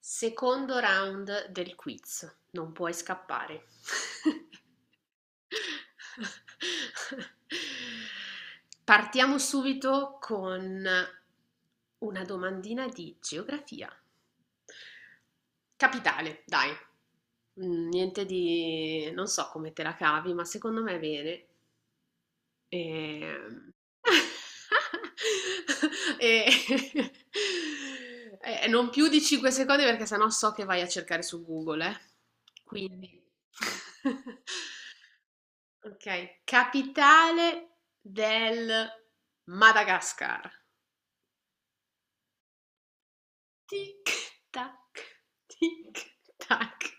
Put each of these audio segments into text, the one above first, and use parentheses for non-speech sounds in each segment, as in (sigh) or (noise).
Secondo round del quiz, non puoi scappare. (laughs) Partiamo subito con una domandina di geografia. Capitale, dai. Mm, niente di... non so come te la cavi, ma secondo me è bene. Ehm, (laughs) e (laughs) e non più di 5 secondi perché sennò so che vai a cercare su Google, eh. Quindi. (laughs) Ok, capitale del Madagascar. Tic tac, tic tac.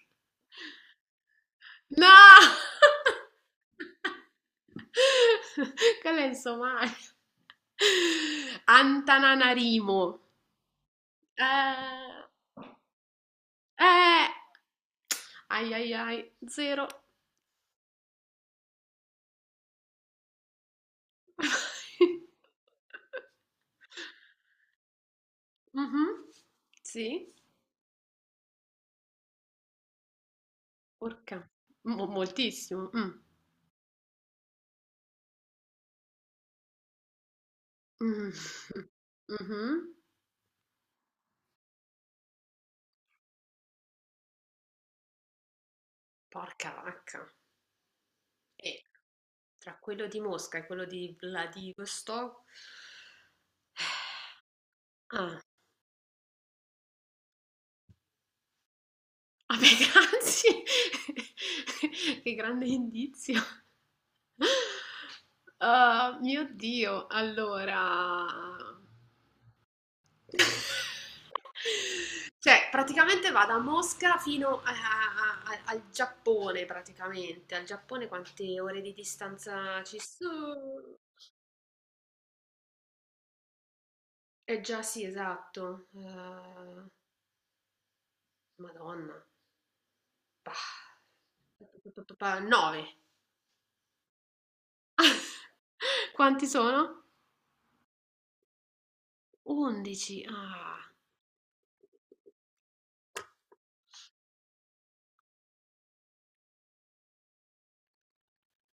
No! (laughs) Quella è in Somalia. Antananarimo. Eh, eh, ai ai ai, zero. (laughs) Mhm. Sì, porca, moltissimo. Mm. Mm. Mhm. Porca vacca. E tra quello di Mosca e quello di Vladivostok, ah. Ah beh, grazie. (laughs) Che grande indizio. Ah, mio Dio, allora... (laughs) Cioè, praticamente va da Mosca fino a- al Giappone, praticamente. Al Giappone quante ore di distanza ci sono? Eh già sì, esatto. Madonna. Bah. 9. Quanti sono? 11. Ah.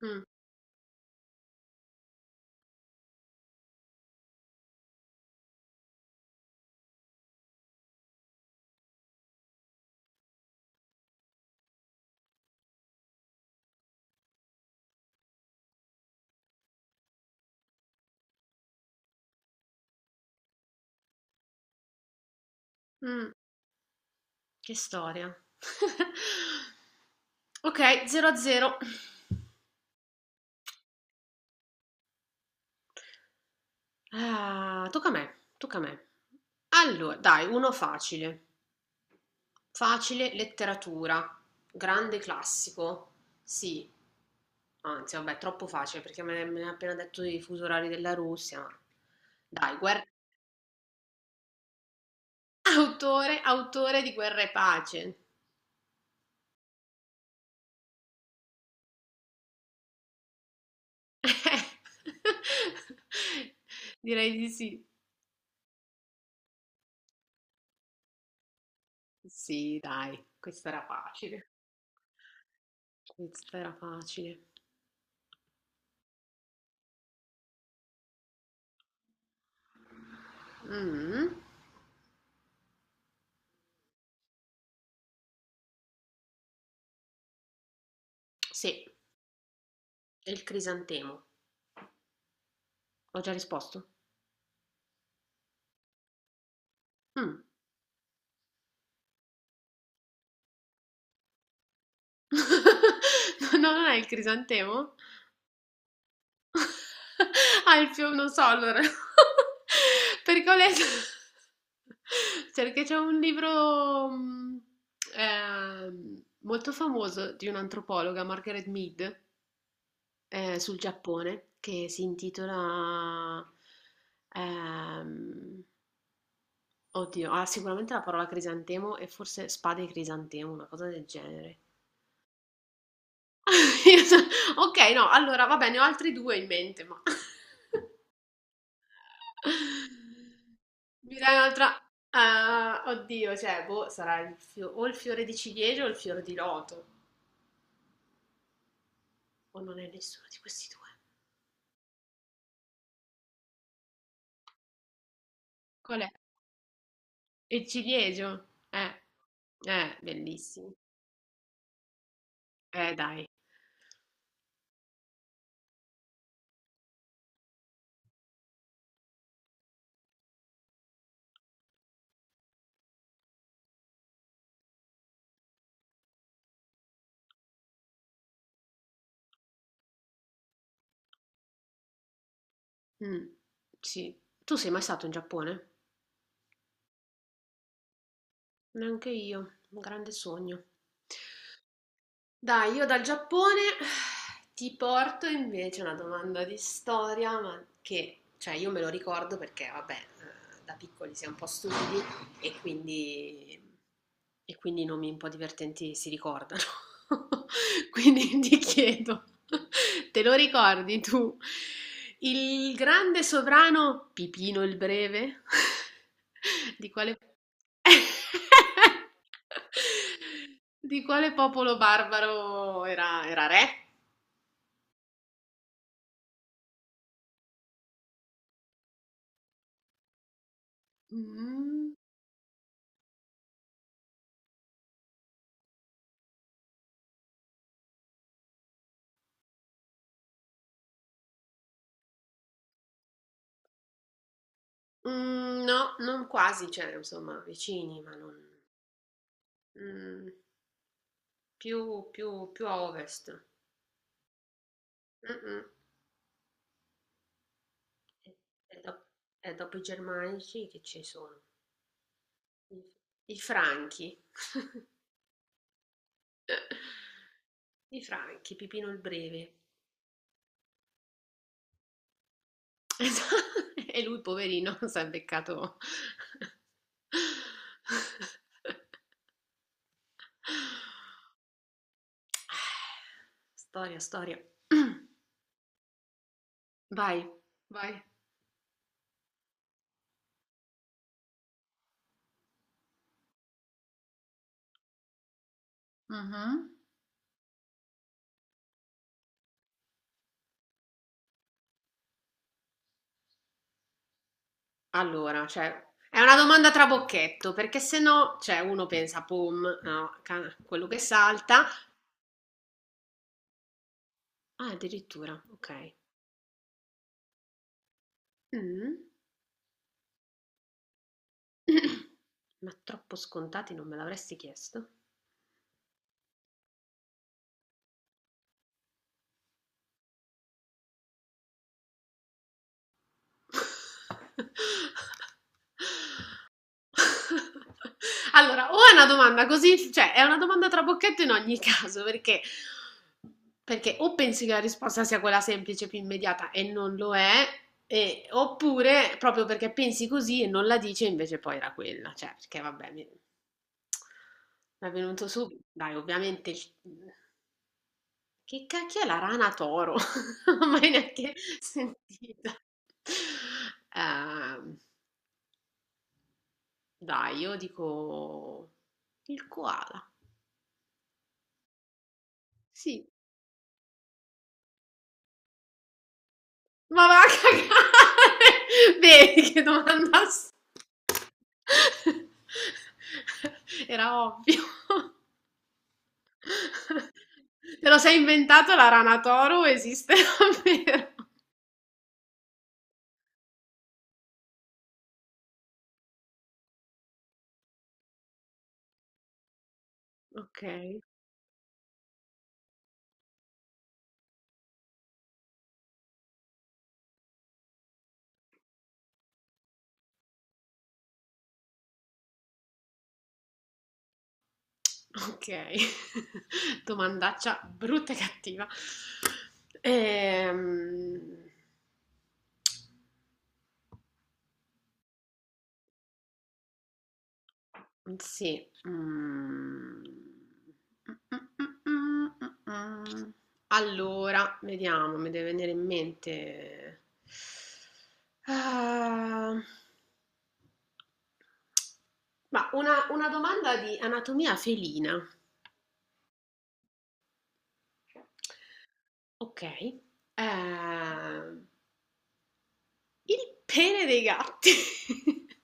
Mh, mh, che storia. (laughs) Okay, 0 a 0. Ah, tocca a me, tocca a me. Allo dai, uno facile. Facile, letteratura, grande classico. Sì, anzi vabbè, troppo facile perché me ne ha appena detto i fusi orari della Russia, ma dai, guer (laughs) autore di Guerra e pace. (laughs) Direi di sì. Sì, dai, questa era facile. Questa era facile. Mm. Sì, è il crisantemo. Ho già risposto. Mm. (laughs) No, non è il crisantemo? (laughs) Ah, il fiume, non so allora. (laughs) Perché ho letto... Cioè, (laughs) perché c'è un libro mm, molto famoso di un'antropologa, Margaret Mead, sul Giappone che si intitola, ehm, oddio, ha sicuramente la parola crisantemo e forse spade e crisantemo, una cosa del genere. (laughs) Ok, no, allora va bene, ho altri due in mente, ma... (laughs) Mi dai un'altra... Ah, oddio, cioè, boh, sarà il o il fiore di ciliegio o il fiore di loto. O non è nessuno di questi due. Qual è? Il ciliegio? Bellissimo. Dai. Mh, sì. Tu sei mai stato in Giappone? Neanche io, un grande sogno. Dai, io dal Giappone (sighs) ti porto invece una domanda di storia, ma che, cioè, io me lo ricordo perché, vabbè, da piccoli si è un po' stupidi, e quindi, e quindi i nomi un po' divertenti si ricordano. (laughs) Quindi ti chiedo, te lo ricordi tu? Il grande sovrano Pipino il Breve? (laughs) Di quale... (laughs) Di quale popolo barbaro era re? Mm, mm, no, non quasi, cioè, insomma, vicini, ma non... mm, più a ovest. Mh-mh. E e dop e dopo i germanici che ci sono? I i franchi, (laughs) i franchi, Pipino il Breve. (laughs) Esa e lui poverino (laughs) s'è beccato storia, storia. (clears throat) Vai. Vai. Mh-mh. Allora, cioè è una domanda trabocchetto, perché se no, cioè uno pensa: "Pom", no, ca quello che salta. Ah, addirittura, okay. Mh. (clears throat) Ma troppo scontati non me l'avresti chiesto? (laughs) Allora, o è una domanda così, cioè è una domanda trabocchetto in ogni caso, perché, perché o pensi che la risposta sia quella semplice, più immediata e non lo è, e- oppure proprio perché pensi così e non la dici e invece poi era quella, cioè perché vabbè, mi è venuto subito, dai, ovviamente il- Che cacchio è la rana toro? (laughs) Non l'ho mai neanche sentita. Ehm, dai, io dico il koala. Sì. Ma va a cagare! (laughs) Vedi che domanda... s- (laughs) Era ovvio. (laughs) Te lo sei inventato la rana toro? Esiste davvero? (laughs) Ok. Okay, (laughs) domandaccia brutta e cattiva. Ehm, sì, mhmm, allora, vediamo, mi deve venire in mente. Ah, ma una domanda di anatomia felina. Ok, ehm, il pene dei gatti. (laughs)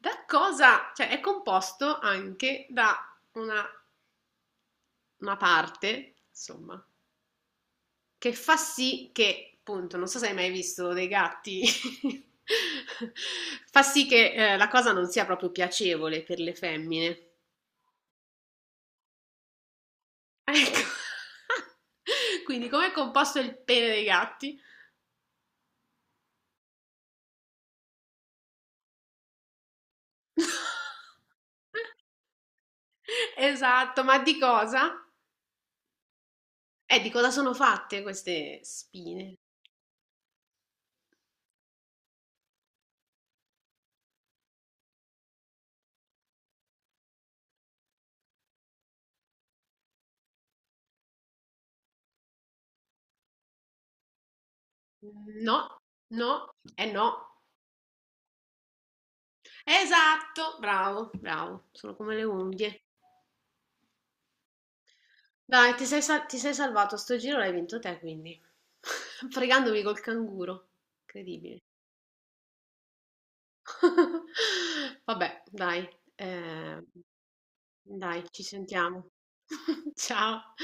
Da cosa? Cioè, è composto anche da una, una parte, insomma, che fa sì che, appunto, non so se hai mai visto dei gatti, (laughs) fa sì che la cosa non sia proprio piacevole per le femmine. Ecco. (laughs) Quindi, com'è composto il pene dei gatti? (laughs) Esatto, ma di cosa? Di cosa sono fatte queste spine? No, no, eh no. Esatto, bravo, bravo. Sono come le unghie. Dai, ti sei, sal- ti sei salvato. Sto giro l'hai vinto te, quindi. (laughs) Fregandomi col canguro. Incredibile. (laughs) Vabbè, dai. Eh, dai, ci sentiamo. (laughs) Ciao.